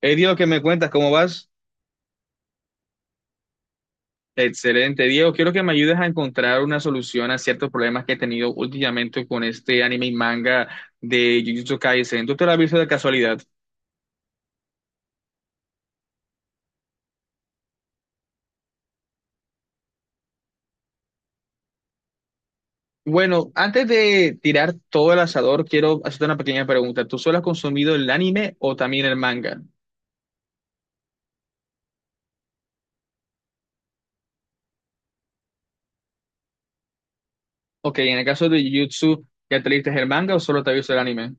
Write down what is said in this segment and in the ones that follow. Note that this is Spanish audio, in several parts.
Hey Diego, ¿qué me cuentas? ¿Cómo vas? Excelente, Diego. Quiero que me ayudes a encontrar una solución a ciertos problemas que he tenido últimamente con este anime y manga de Jujutsu Kaisen. ¿Tú te lo has visto de casualidad? Bueno, antes de tirar todo el asador, quiero hacerte una pequeña pregunta. ¿Tú solo has consumido el anime o también el manga? Ok, en el caso de Jujutsu, ¿ya te leíste el manga o solo te has visto el anime?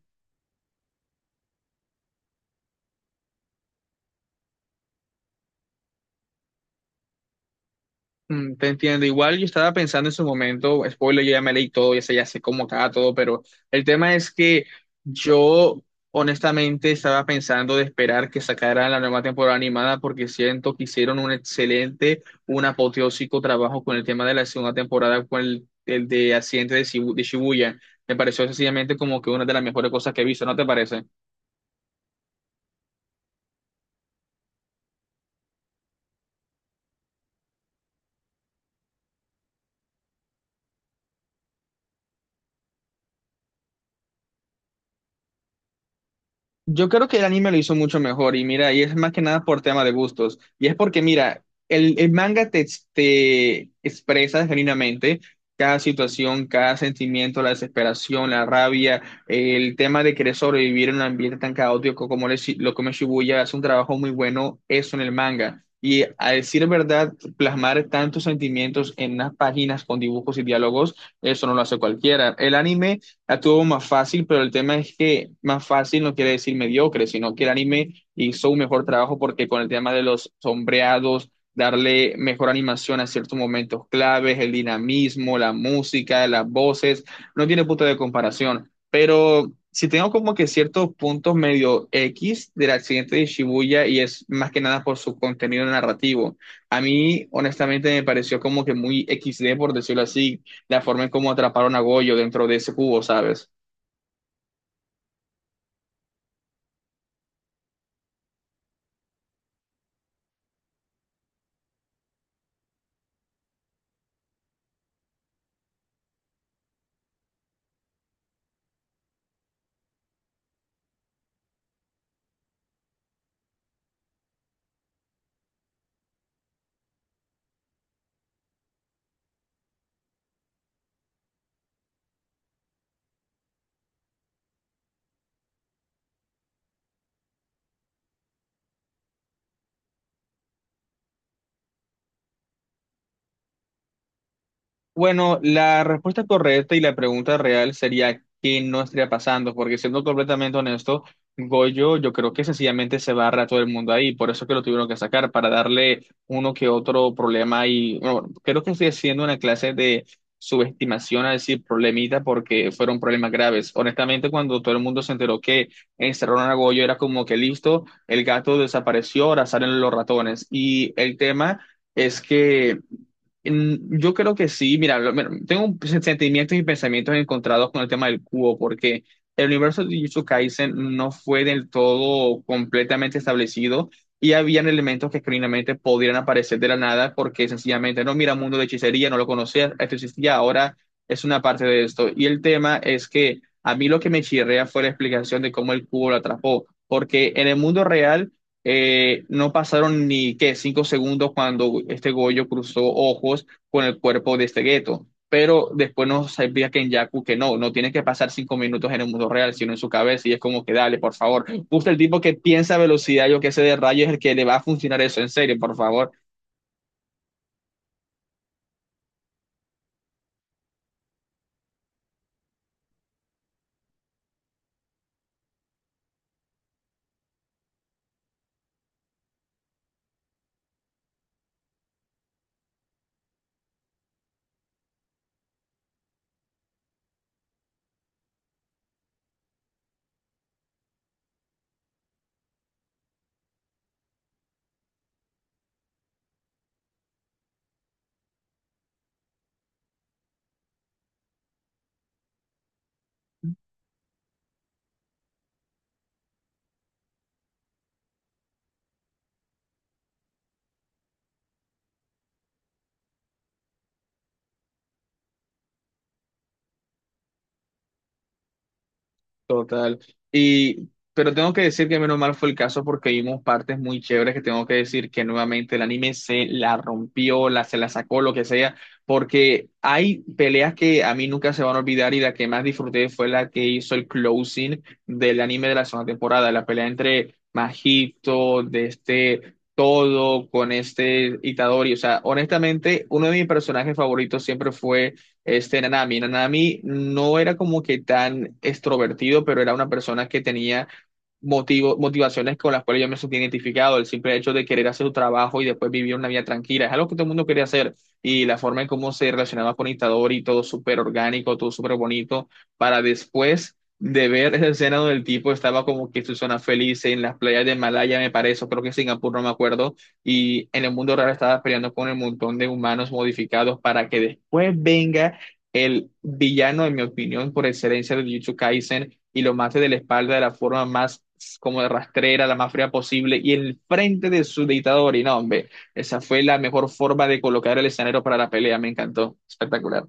Te entiendo. Igual yo estaba pensando en su momento, spoiler, yo ya me leí todo, ya sé cómo acaba todo, pero el tema es que yo honestamente estaba pensando de esperar que sacaran la nueva temporada animada porque siento que hicieron un excelente, un apoteósico trabajo con el tema de la segunda temporada, con el de accidente de, de Shibuya. Me pareció sencillamente como que una de las mejores cosas que he visto, ¿no te parece? Yo creo que el anime lo hizo mucho mejor y mira, y es más que nada por tema de gustos. Y es porque, mira, el manga te, te expresa genuinamente cada situación, cada sentimiento, la desesperación, la rabia, el tema de querer sobrevivir en un ambiente tan caótico como lo es lo como es Shibuya, hace un trabajo muy bueno eso en el manga. Y a decir verdad, plasmar tantos sentimientos en unas páginas con dibujos y diálogos, eso no lo hace cualquiera. El anime la tuvo más fácil, pero el tema es que más fácil no quiere decir mediocre, sino que el anime hizo un mejor trabajo porque con el tema de los sombreados, darle mejor animación a ciertos momentos claves, el dinamismo, la música, las voces, no tiene punto de comparación. Pero si tengo como que ciertos puntos medio X del accidente de Shibuya y es más que nada por su contenido narrativo. A mí, honestamente, me pareció como que muy XD, por decirlo así, la forma en cómo atraparon a Goyo dentro de ese cubo, ¿sabes? Bueno, la respuesta correcta y la pregunta real sería qué no estaría pasando, porque siendo completamente honesto, Goyo yo creo que sencillamente se barra a todo el mundo ahí, por eso que lo tuvieron que sacar, para darle uno que otro problema y bueno, creo que estoy haciendo una clase de subestimación a decir problemita porque fueron problemas graves. Honestamente, cuando todo el mundo se enteró que encerraron a Goyo era como que listo, el gato desapareció, ahora salen los ratones y el tema es que... Yo creo que sí, mira, mira, sentimientos y pensamientos encontrados con el tema del cubo, porque el universo de Jujutsu Kaisen no fue del todo completamente establecido y habían elementos que genuinamente podrían aparecer de la nada porque sencillamente, no, mira, mundo de hechicería, no lo conocía, esto existía, ahora es una parte de esto. Y el tema es que a mí lo que me chirrea fue la explicación de cómo el cubo lo atrapó, porque en el mundo real... No pasaron ni qué, cinco segundos cuando este Goyo cruzó ojos con el cuerpo de este Geto. Pero después nos sabía Kenyaku que no, no tiene que pasar cinco minutos en el mundo real, sino en su cabeza. Y es como que dale, por favor. Justo el tipo que piensa a velocidad, yo que sé, de rayo, es el que le va a funcionar eso, en serio, por favor. Total. Y, pero tengo que decir que menos mal fue el caso porque vimos partes muy chéveres que tengo que decir que nuevamente el anime se la rompió, la, se la sacó, lo que sea, porque hay peleas que a mí nunca se van a olvidar y la que más disfruté fue la que hizo el closing del anime de la segunda temporada, la pelea entre Majito, de este todo, con este Itadori. O sea, honestamente, uno de mis personajes favoritos siempre fue este Nanami. Nanami no era como que tan extrovertido, pero era una persona que tenía motivaciones con las cuales yo me sentí identificado, el simple hecho de querer hacer su trabajo y después vivir una vida tranquila, es algo que todo el mundo quería hacer y la forma en cómo se relacionaba con Itadori, todo súper orgánico, todo súper bonito, para después de ver esa escena donde el tipo estaba como que en su zona feliz en las playas de Malaya, me parece, o creo que Singapur, no me acuerdo, y en el mundo real estaba peleando con un montón de humanos modificados para que después venga el villano, en mi opinión, por excelencia de Jujutsu Kaisen, y lo mate de la espalda de la forma más como de rastrera, la más fría posible, y el frente de su dictador. Y no, hombre, esa fue la mejor forma de colocar el escenario para la pelea, me encantó, espectacular,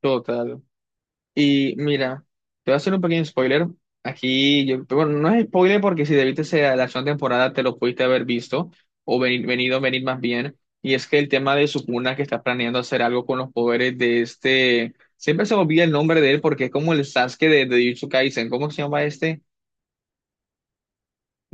total. Y mira, te voy a hacer un pequeño spoiler. Aquí, yo, bueno, no es spoiler porque si debiste ser la segunda temporada te lo pudiste haber visto o venir más bien. Y es que el tema de Sukuna, que está planeando hacer algo con los poderes de este. Siempre se me olvida el nombre de él porque es como el Sasuke de Jujutsu Kaisen. ¿Cómo se llama este?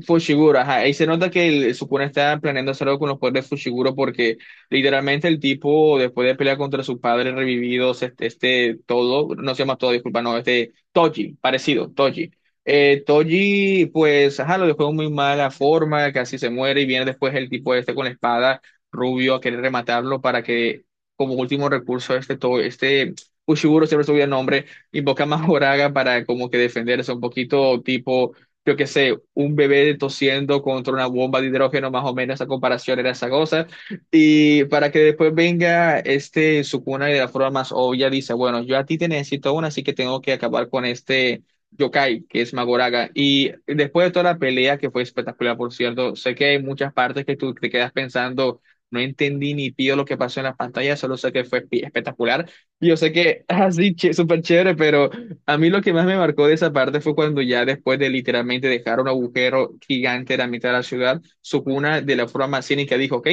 Fushiguro, ajá, ahí se nota que el Sukuna está planeando hacer algo con los poderes de Fushiguro porque literalmente el tipo después de pelear contra su padre revividos, este todo, no se llama todo, disculpa, no, este Toji, parecido, Toji. Toji, pues, ajá, lo dejó en muy mala forma, casi se muere y viene después el tipo este con la espada rubio a querer rematarlo para que como último recurso este, este Fushiguro, siempre se me olvida el nombre, invoca a Mahoraga para como que defenderse un poquito tipo yo qué sé, un bebé tosiendo contra una bomba de hidrógeno, más o menos, esa comparación era esa cosa. Y para que después venga este Sukuna y de la forma más obvia dice, bueno, yo a ti te necesito una, así que tengo que acabar con este yokai, que es Magoraga. Y después de toda la pelea, que fue espectacular, por cierto, sé que hay muchas partes que tú te quedas pensando. No entendí ni pío lo que pasó en la pantalla, solo sé que fue espectacular. Y yo sé que así, súper chévere, pero a mí lo que más me marcó de esa parte fue cuando ya después de literalmente dejar un agujero gigante en la mitad de la ciudad, Sukuna de la forma más cínica dijo, ok,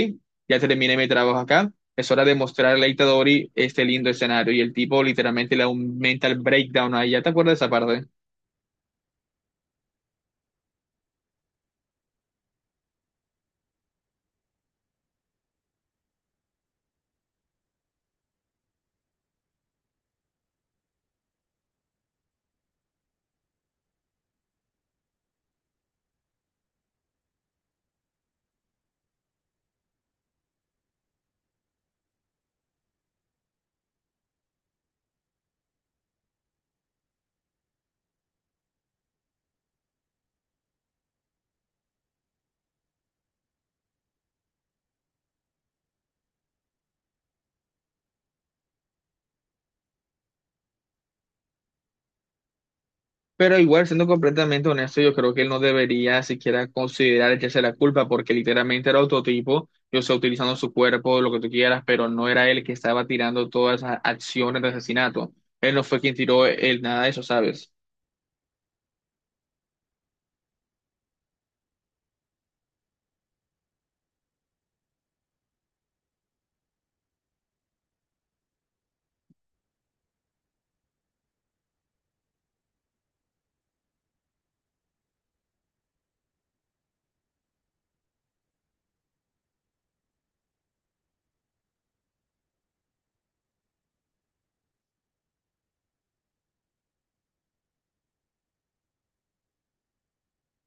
ya terminé mi trabajo acá, es hora de mostrarle a Itadori este lindo escenario. Y el tipo literalmente le da un mental breakdown ahí. ¿Ya te acuerdas de esa parte? Pero igual, siendo completamente honesto, yo creo que él no debería siquiera considerar echarse la culpa porque literalmente era otro tipo, yo sé, utilizando su cuerpo, lo que tú quieras, pero no era él que estaba tirando todas esas acciones de asesinato. Él no fue quien tiró el nada de eso, ¿sabes?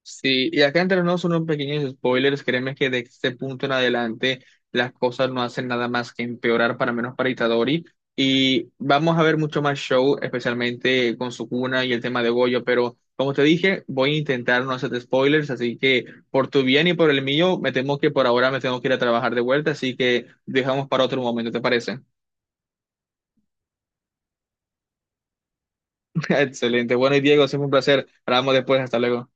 Sí, y acá entre nosotros unos pequeños spoilers, créeme que de este punto en adelante las cosas no hacen nada más que empeorar para menos para Itadori y vamos a ver mucho más show, especialmente con Sukuna y el tema de Goyo, pero como te dije, voy a intentar no hacer spoilers, así que por tu bien y por el mío, me temo que por ahora me tengo que ir a trabajar de vuelta, así que dejamos para otro momento, ¿te parece? Excelente, bueno y Diego, siempre un placer, hablamos después, hasta luego.